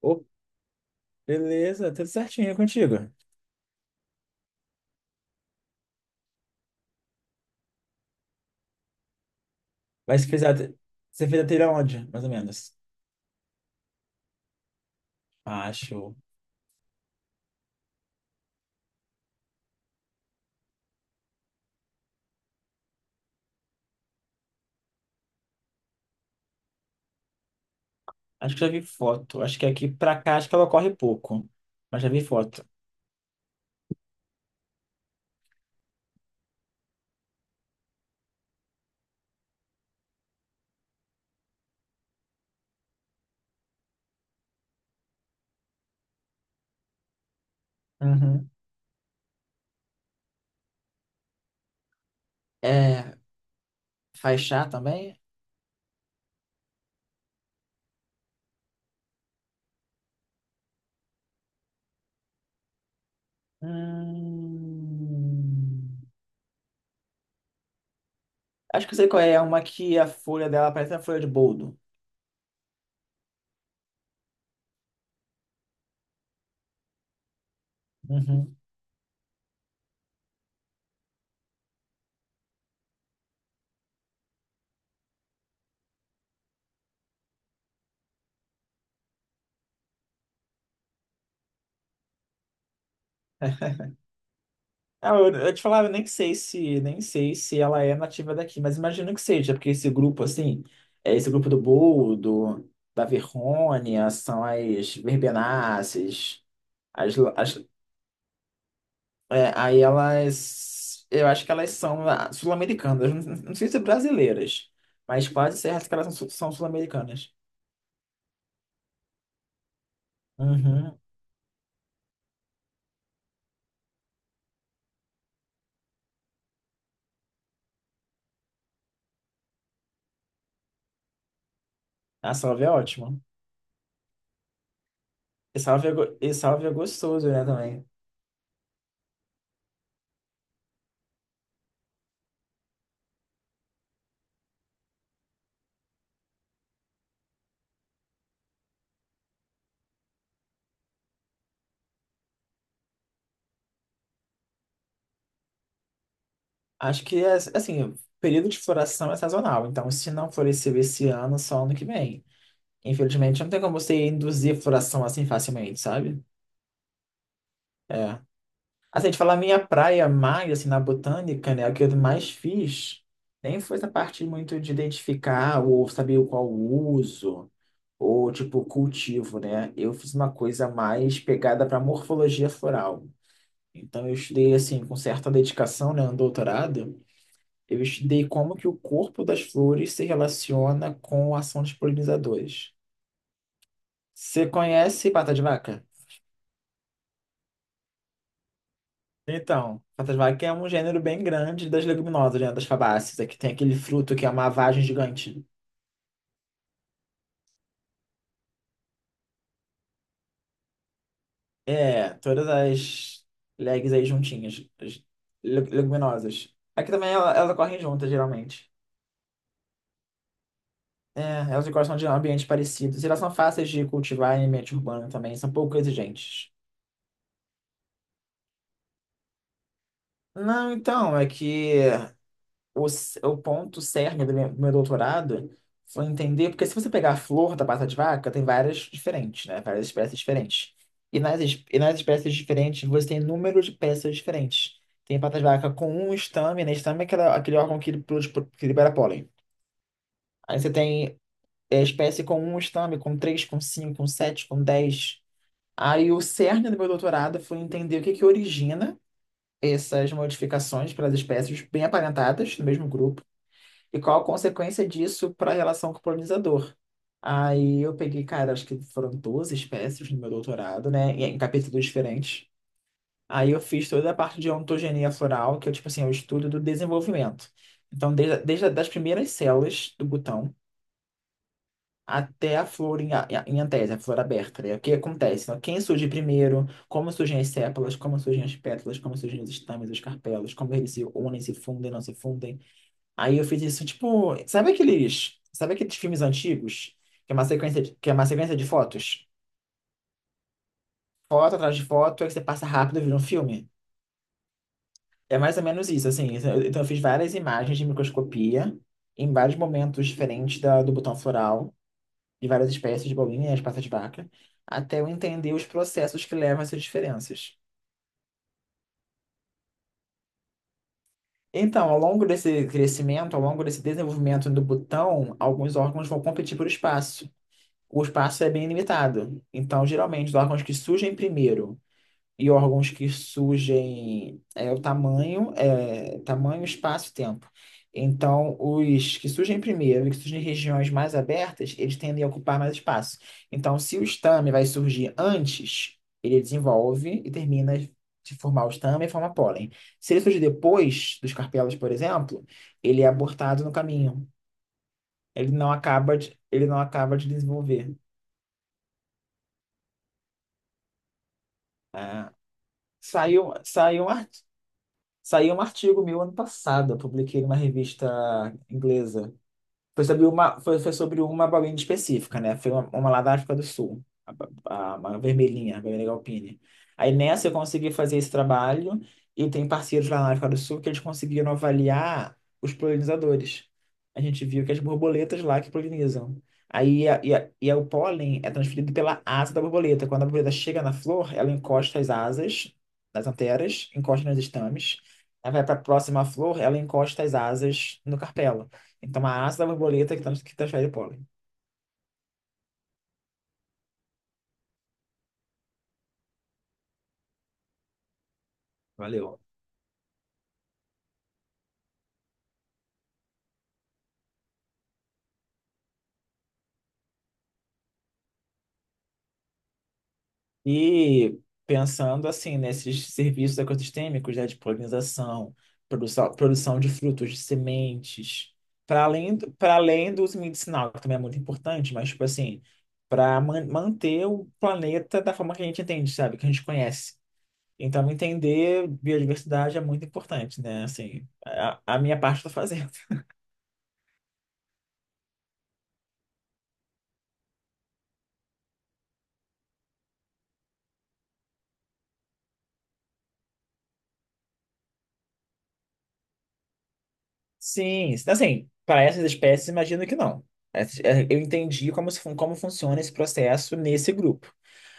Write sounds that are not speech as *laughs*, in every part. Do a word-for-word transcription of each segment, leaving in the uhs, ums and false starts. Ô, beleza, tudo certinho contigo. Mas você fez você fez a trilha onde, mais ou menos? Acho. Acho que já vi foto. Acho que aqui pra cá, acho que ela corre pouco. Mas já vi foto. Uhum. É, faixá também? Hum. Acho que eu sei qual é. É uma que a folha dela parece a folha de boldo. Uhum. Ah, eu, eu te falava, eu nem sei se, nem sei se ela é nativa daqui, mas imagino que seja, porque esse grupo, assim, é esse grupo do boldo, da verrônia, são as verbenáceas, as, as- é, aí elas, eu acho que elas são ah, sul-americanas, não, não sei se brasileiras, mas quase certo que elas são, sul- são sul-americanas. Uhum. A salve é ótima. E sálvia, é go- e sálvia é gostoso, né, também. Acho que, é, assim, o período de floração é sazonal. Então, se não floresceu esse ano, só ano que vem. Infelizmente, não tem como você induzir floração assim facilmente, sabe? É. Assim, de falar minha praia mais, assim, na botânica, né, o que eu mais fiz, nem foi essa parte muito de identificar ou saber o qual o uso, ou, tipo, cultivo, né? Eu fiz uma coisa mais pegada para morfologia floral. Então, eu estudei, assim, com certa dedicação, né, um doutorado. Eu estudei como que o corpo das flores se relaciona com a ação dos polinizadores. Você conhece pata de vaca? Então, pata de vaca é um gênero bem grande das leguminosas, né? Das fabáceas, é que tem aquele fruto que é uma vagem gigante. É, todas as legs aí juntinhas, as le- leguminosas. Aqui também ela- elas ocorrem juntas, geralmente. É, elas gostam de ambientes parecidos. E elas são fáceis de cultivar em ambiente urbano também, são pouco exigentes. Não, então, é que o, c- o ponto cerne do meu, do meu doutorado foi entender, porque se você pegar a flor da pata de vaca, tem várias diferentes, né? Várias espécies diferentes. E nas, es- e nas espécies diferentes, você tem número de peças diferentes. Tem pata de vaca com um estame, né? Estame é aquela, aquele órgão que, produ- que libera pólen. Aí você tem é, espécie com um estame, com três, com cinco, com sete, com dez. Aí o cerne do meu doutorado foi entender o que que origina essas modificações para as espécies bem aparentadas no mesmo grupo e qual a consequência disso para a relação com o polinizador? Aí eu peguei, cara, acho que foram doze espécies no meu doutorado, né? Em em capítulos diferentes. Aí eu fiz toda a parte de ontogenia floral, que é tipo assim, é o estudo do desenvolvimento. Então, desde, desde as primeiras células do botão até a flor em, a- em antese, a flor aberta, né? O que acontece? Então, quem surge primeiro, como surgem as sépalas, como surgem as pétalas, como surgem os estames, os carpelos, como eles se unem, se fundem, não se fundem. Aí eu fiz isso, tipo, sabe aqueles, sabe aqueles filmes antigos? Que é uma sequência de, que é uma sequência de fotos? Foto atrás de foto, aí você passa rápido e vira um filme. É mais ou menos isso, assim. Então eu fiz várias imagens de microscopia em vários momentos diferentes da, do botão floral, de várias espécies de bolinhas, passas de vaca, até eu entender os processos que levam a essas diferenças. Então, ao longo desse crescimento, ao longo desse desenvolvimento do botão, alguns órgãos vão competir por espaço. O espaço é bem limitado. Então, geralmente, os órgãos que surgem primeiro e órgãos que surgem é o tamanho, é, tamanho, espaço e tempo. Então, os que surgem primeiro e que surgem em regiões mais abertas, eles tendem a ocupar mais espaço. Então, se o estame vai surgir antes, ele desenvolve e termina de formar o estame e forma pólen. Se ele surge depois dos carpelos, por exemplo, ele é abortado no caminho. Ele não acaba de, ele não acaba de desenvolver. Ah, Saiu, saiu, um ar- saiu um artigo meu ano passado, eu publiquei numa revista inglesa. Foi sobre uma, foi, foi sobre uma baunilha específica, né? Foi uma, uma lá da África do Sul, a, a- uma vermelhinha, a vermelha galpine. Aí nessa eu consegui fazer esse trabalho e tem parceiros lá na África do Sul que eles conseguiram avaliar os polinizadores. A gente viu que as borboletas lá que polinizam. Aí a- e a- e a- o pólen é transferido pela asa da borboleta. Quando a borboleta chega na flor, ela encosta as asas nas anteras, encosta nos estames. Aí vai para a próxima flor, ela encosta as asas no carpelo. Então, a asa da borboleta que, trans- que transfere o pólen. Valeu. E pensando assim nesses serviços ecossistêmicos, né, de polinização, produção, produção de frutos, de sementes, para além, do, para além do uso medicinal, que também é muito importante, mas tipo assim, para manter o planeta da forma que a gente entende, sabe, que a gente conhece. Então, entender biodiversidade é muito importante, né? Assim, a, a minha parte eu tô fazendo. Sim, assim, para essas espécies, imagino que não. Essas- eh, Eu entendi como, se fun- como funciona esse processo nesse grupo.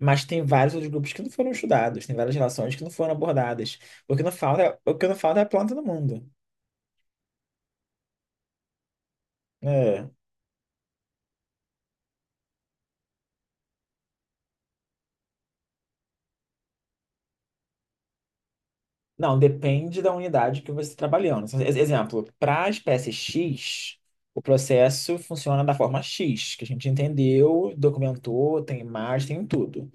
Mas tem vários outros grupos que não foram estudados, tem várias relações que não foram abordadas. O que não falta, é, o que não falta é a planta no mundo. É. Não, depende da unidade que você está trabalhando. Então, ex- exemplo, para a espécie X, o processo funciona da forma X, que a gente entendeu, documentou, tem imagem, tem tudo.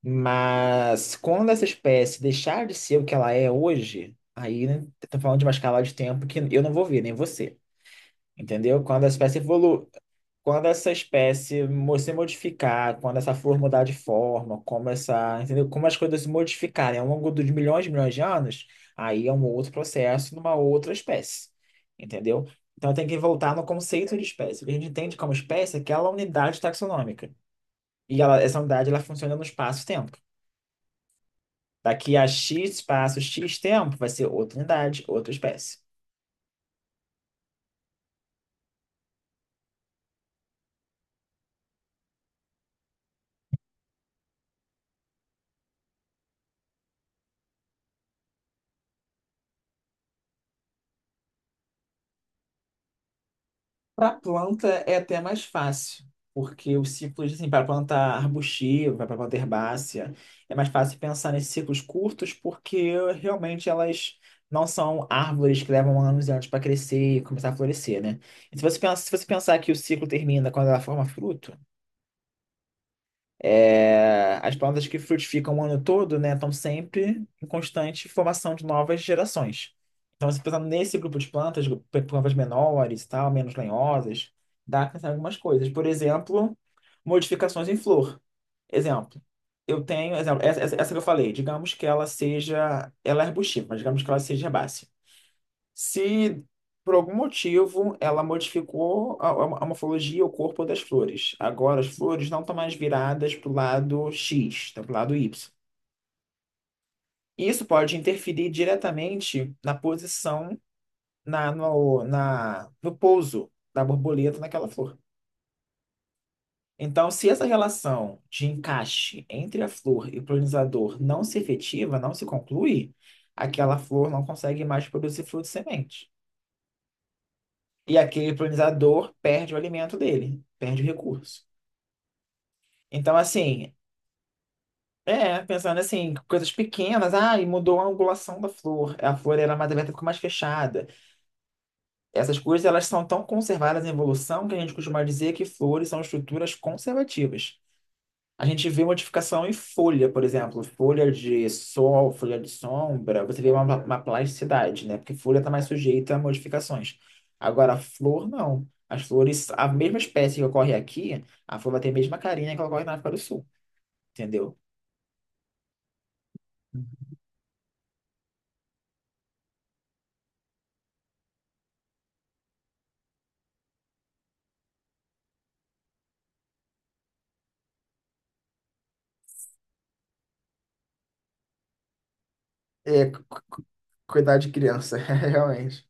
Mas quando essa espécie deixar de ser o que ela é hoje, aí né, tô falando de uma escala de tempo que eu não vou ver, nem você. Entendeu? Quando a espécie evolu... quando essa espécie mo- se modificar, quando essa flor mudar de forma, como essa, entendeu? Como as coisas se modificarem ao longo dos milhões e milhões de anos, aí é um outro processo numa outra espécie. Entendeu? Então tem que voltar no conceito de espécie. O que a gente entende como espécie é aquela unidade taxonômica. E ela, essa unidade ela funciona no espaço-tempo. Daqui a X espaço, X tempo, vai ser outra unidade, outra espécie. Para planta é até mais fácil, porque os ciclos, assim, para planta arbustiva, para planta herbácea, é mais fácil pensar nesses ciclos curtos, porque realmente elas não são árvores que levam anos e anos para crescer e começar a florescer, né? E se você pensa, se você pensar que o ciclo termina quando ela forma fruto, é, as plantas que frutificam o ano todo, né, estão sempre em constante formação de novas gerações. Então, se pensar nesse grupo de plantas, gru- plantas menores, e tal, menos lenhosas, dá para pensar em algumas coisas. Por exemplo, modificações em flor. Exemplo, eu tenho, exemplo, essa, essa essa que eu falei, digamos que ela seja, ela é arbustiva, mas digamos que ela seja herbácea. Se por algum motivo ela modificou a, a- a morfologia, o corpo das flores. Agora as flores não estão mais viradas para o lado X, estão para o lado Y. Isso pode interferir diretamente na posição, na, no, na, no pouso da borboleta naquela flor. Então, se essa relação de encaixe entre a flor e o polinizador não se efetiva, não se conclui, aquela flor não consegue mais produzir fruto e semente. E aquele polinizador perde o alimento dele, perde o recurso. Então, assim, é, pensando assim, coisas pequenas, ah, e mudou a angulação da flor, a flor era mais aberta, ficou mais fechada. Essas coisas, elas são tão conservadas em evolução que a gente costuma dizer que flores são estruturas conservativas. A gente vê modificação em folha, por exemplo, folha de sol, folha de sombra, você vê uma, uma plasticidade, né? Porque folha está mais sujeita a modificações. Agora, flor, não. As flores, a mesma espécie que ocorre aqui, a flor vai ter a mesma carinha que ocorre na África do Sul, entendeu? É, cu- cu- cuidar de criança, *laughs* realmente.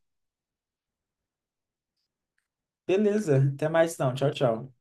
Beleza, até mais então. Tchau, tchau.